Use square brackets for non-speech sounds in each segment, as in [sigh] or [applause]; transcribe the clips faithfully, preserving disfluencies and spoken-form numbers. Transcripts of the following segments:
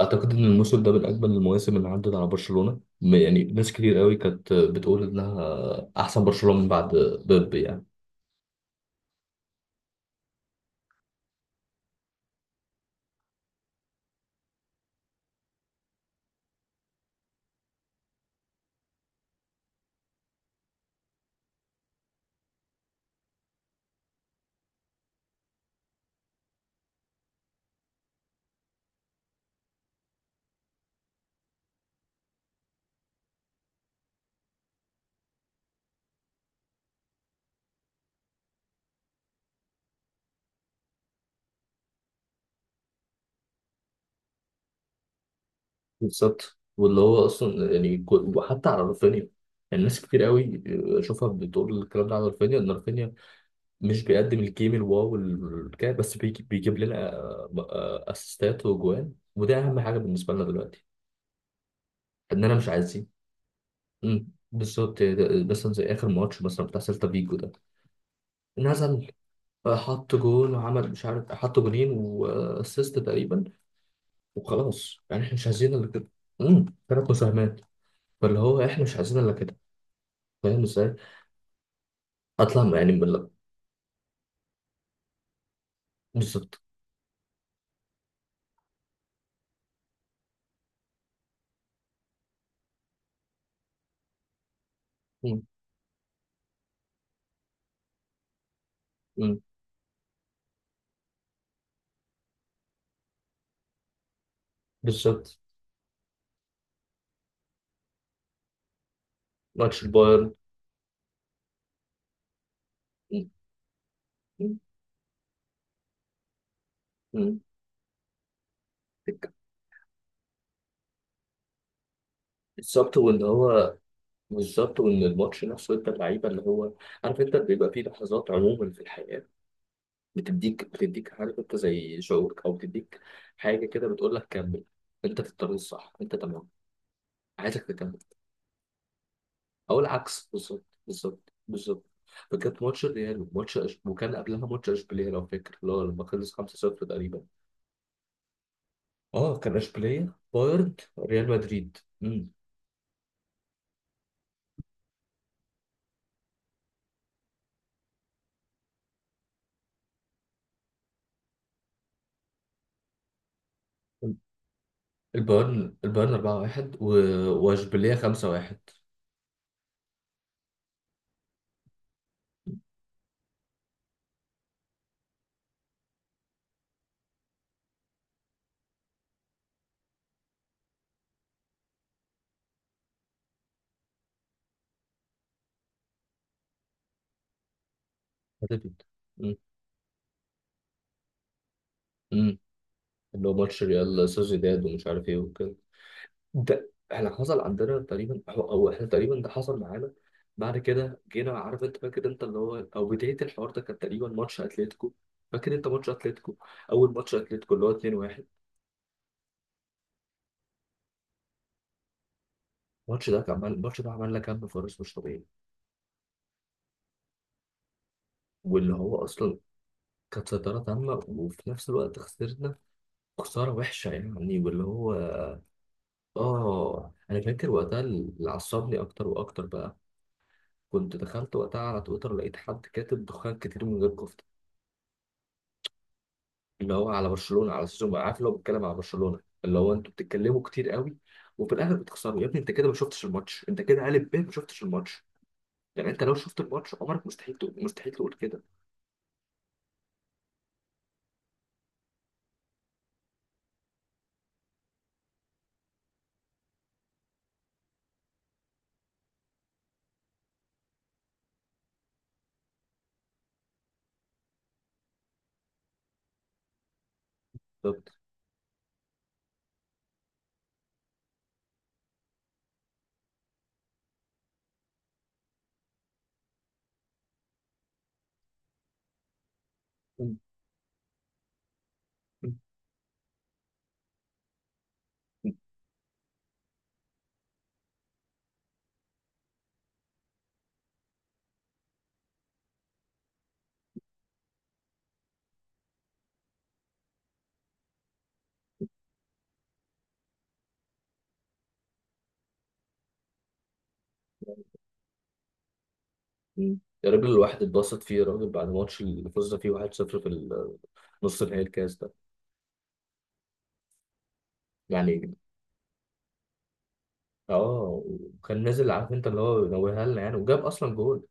اعتقد ان الموسم ده من اجمل المواسم اللي عدت على برشلونه م- يعني ناس كتير قوي كانت بتقول انها احسن برشلونه من بعد بيب يعني. بالظبط واللي هو اصلا يعني كل- وحتى على رافينيا. يعني ناس كتير قوي اشوفها بتقول الكلام ده على رافينيا ان رافينيا مش بيقدم الجيم الواو الكده، بس بيجي- بيجيب لنا آه، آه، اسيستات وجوان، وده اهم حاجه بالنسبه لنا دلوقتي، اننا مش عايزين. مم، بالظبط. ده- مثلا زي اخر ماتش مثلا بتاع سيلتا فيجو ده، نزل فحط جول وعمل مش عارف حط جولين واسيست تقريبا، وخلاص. يعني احنا مش عايزين الا كده. امم ثلاث مساهمات. فاللي هو احنا مش عايزين الا كده، فاهم ازاي؟ اطلع يعني من ال- بالظبط مم. مم. بالظبط. ماتش البايرن. مم. مم. مم. بالظبط واللي هو. بالظبط، وان الماتش نفسه انت اللعيبه اللي هو، عارف انت بيبقى فيه لحظات عموما في الحياه، بتديك بتديك عارف انت زي شعورك، او بتديك حاجه كده بتقول لك كمل، انت في الطريق الصح انت تمام، عايزك تكمل. او العكس، بالظبط بالظبط بالظبط فكانت ماتش الريال ماتش أش... وكان قبلها ماتش اشبيليه، لو فاكر اللي هو لما خلص خمسة صفر تقريبا. اه، كان اشبيليه بايرن ريال مدريد. امم البايرن البايرن اربعة واحد و... واشبيليه خمسة واحد. مم. هدف انت. مم. مم. اللي هو ماتش ريال سوسيداد ومش عارف ايه وكده. ده احنا حصل عندنا تقريبا، هو او احنا تقريبا ده حصل معانا. بعد كده جينا عارف انت فاكر انت اللي هو، او بدايه الحوار ده كان تقريبا ماتش اتلتيكو، فاكر انت ماتش اتلتيكو، اول ماتش اتلتيكو اللي هو اتنين واحد. الماتش ده كان عمل الماتش ده عملنا كم فرص مش طبيعي. واللي هو اصلا، كانت سيطره تامه وفي نفس الوقت خسرنا، خساره وحشه يعني واللي هو. اه انا فاكر وقتها اللي عصبني اكتر واكتر بقى، كنت دخلت وقتها على تويتر لقيت حد كاتب دخان كتير من غير كفته، اللي هو على برشلونه، على اساس انه عارف اللي هو بيتكلم على برشلونه، اللي هو انتوا بتتكلموا كتير قوي وفي الاخر بتخسروا يا ابني، انت كده ما شفتش الماتش، انت كده قالب ب ما شفتش الماتش. يعني انت لو شفت الماتش عمرك مستحيل تقول، مستحيل تقول كده. بالظبط. م- م- م- يا راجل الواحد اتبسط فيه، يا راجل بعد الماتش اللي فزنا فيه واحد صفر في ال- نص نهائي الكاس ده يعني. اه، وكان نازل عارف انت اللي هو نوهها لنا يعني، وجاب اصلا جول.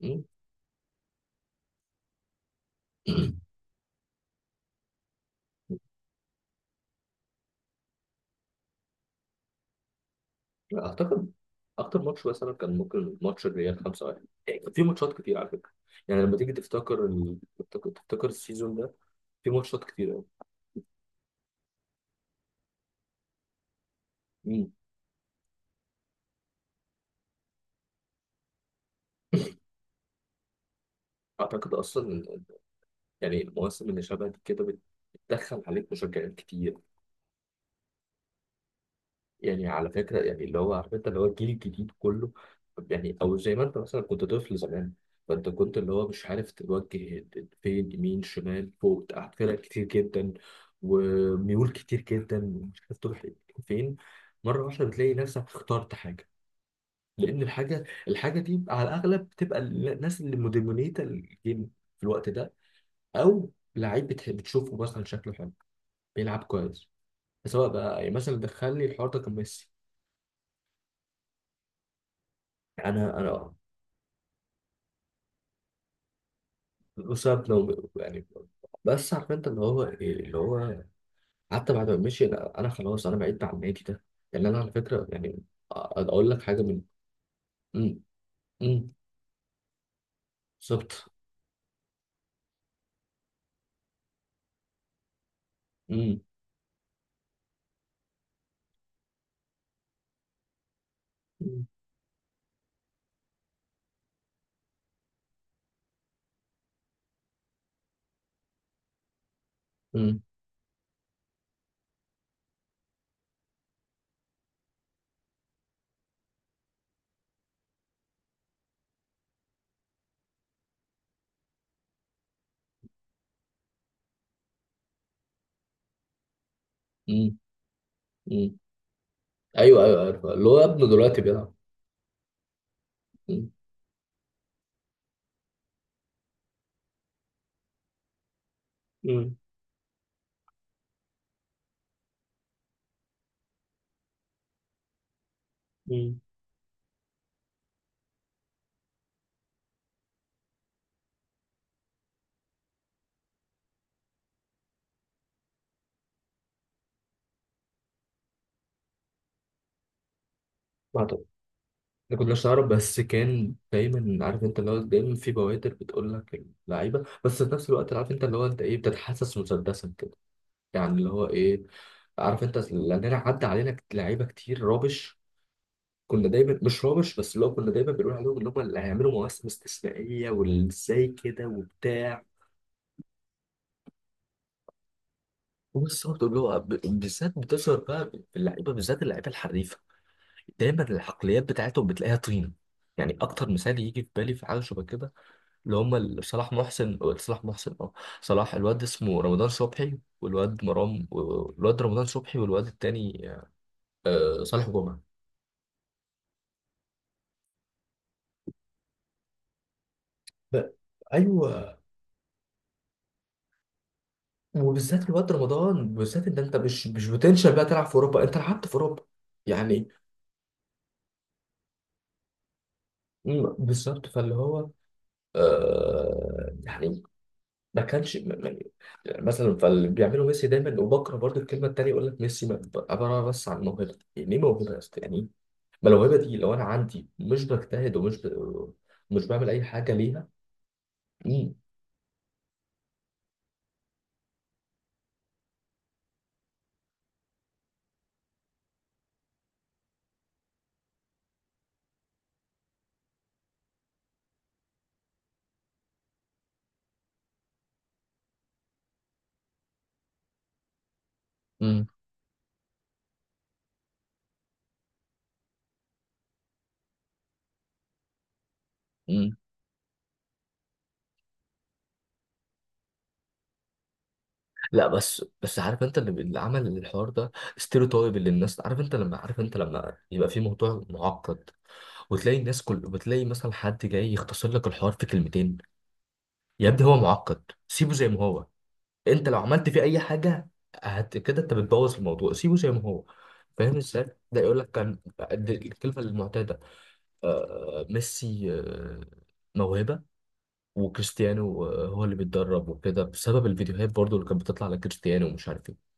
م- [clears throat] لا، اعتقد اكتر ماتش مثلا كان ممكن ماتش الريال خمسة واحد يعني. كان في ماتشات كتير على فكره، يعني لما تيجي تفتكر ال... تفتكر تفتكر السيزون ده في ماتشات كتير قوي. مم. اعتقد اصلا إن- يعني المواسم اللي شبه دي كده بت- بتدخل عليك مشجعين كتير. يعني على فكرة، يعني اللي هو عارف انت اللي هو الجيل الجديد كله، يعني او زي ما انت مثلا كنت طفل زمان، فانت كنت اللي هو مش عارف توجه فين، يمين شمال فوق تحت، فرق كتير جدا وميول كتير جدا ومش عارف تروح فين. مرة واحدة بتلاقي نفسك اخترت حاجة، لأن الحاجة الحاجة دي على الأغلب بتبقى الناس اللي مدمنيتة الجيم في الوقت ده، أو لعيب بتح- بتشوفه مثلا شكله حلو، بيلعب كويس. سواء بقى يعني مثلا دخلني الحوار ده كان ميسي. انا انا. وساب لو يعني، بس عارف انت اللي هو ايه اللي هو، حتى بعد ما مشي، انا أنا خلاص انا بعدت عن النادي ده يعني. انا على فكره يعني، أ- اقول لك حاجه من. امم امم بالظبط. امم امم امم امم أمم. ايوه ايوه، عارف اللي هو ابنه دلوقتي بيلعب. امم امم أمم. ما أعتقد- ما كناش نعرف، بس كان دايما عارف انت اللي هو دايما في بوادر بتقول لك اللعيبه، بس في نفس الوقت عارف انت اللي هو انت ايه بتتحسس مسدسا يعني، اللي هو ايه، عارف انت لاننا عدى علينا كت- لعيبه كتير رابش، كنا دايما مش رابش، بس اللي هو كنا دايما بنقول عليهم اللي هم اللي هيعملوا مواسم استثنائيه، والازاي كده وبتاع. وبس برضه اللي هو ب- بالذات بتظهر بقى في اللعيبه، بالذات اللعيبه الحريفه، دايما العقليات بتاعتهم بتلاقيها طينه. يعني اكتر مثال يجي في بالي في حاجه شبه كده، اللي هم ال- صلاح محسن صلاح محسن اه، صلاح الواد اسمه رمضان صبحي، والواد مرام والواد رمضان صبحي والواد التاني آه، صالح جمعه. ب- ايوه. وبالذات في وقت رمضان بالذات، ان انت مش مش بتنشل بقى تلعب في اوروبا، انت لعبت في اوروبا يعني. مم، بالظبط فاللي هو آه يعني ما كانش م- م- مثلا. فاللي بيعمله ميسي دايما وبكره برضو، الكلمه التانيه يقول لك ميسي ما- عباره بس عن موهبه. يعني ايه موهبه يا اسطى يعني إيه؟ ما الموهبه دي لو انا عندي مش بجتهد ومش ب... مش بعمل اي حاجه ليها. مم، مم، مم. لا، بس بس عارف انت اللي اللي عمل الحوار ده ستيريوتايب اللي الناس، عارف انت لما، عارف انت لما يبقى في موضوع معقد، وتلاقي الناس كل بتلاقي مثلا حد جاي يختصر لك الحوار في كلمتين. يا ابني هو معقد، سيبه زي ما هو، انت لو عملت فيه اي حاجه هت كده، انت بتبوظ الموضوع، سيبه زي ما هو، فاهم ازاي؟ ده يقول لك كان، دي الكلمه المعتاده، آه ميسي آه موهبه، وكريستيانو آه، هو اللي بيتدرب وكده بسبب الفيديوهات برضو اللي كانت بتطلع على كريستيانو ومش عارف ايه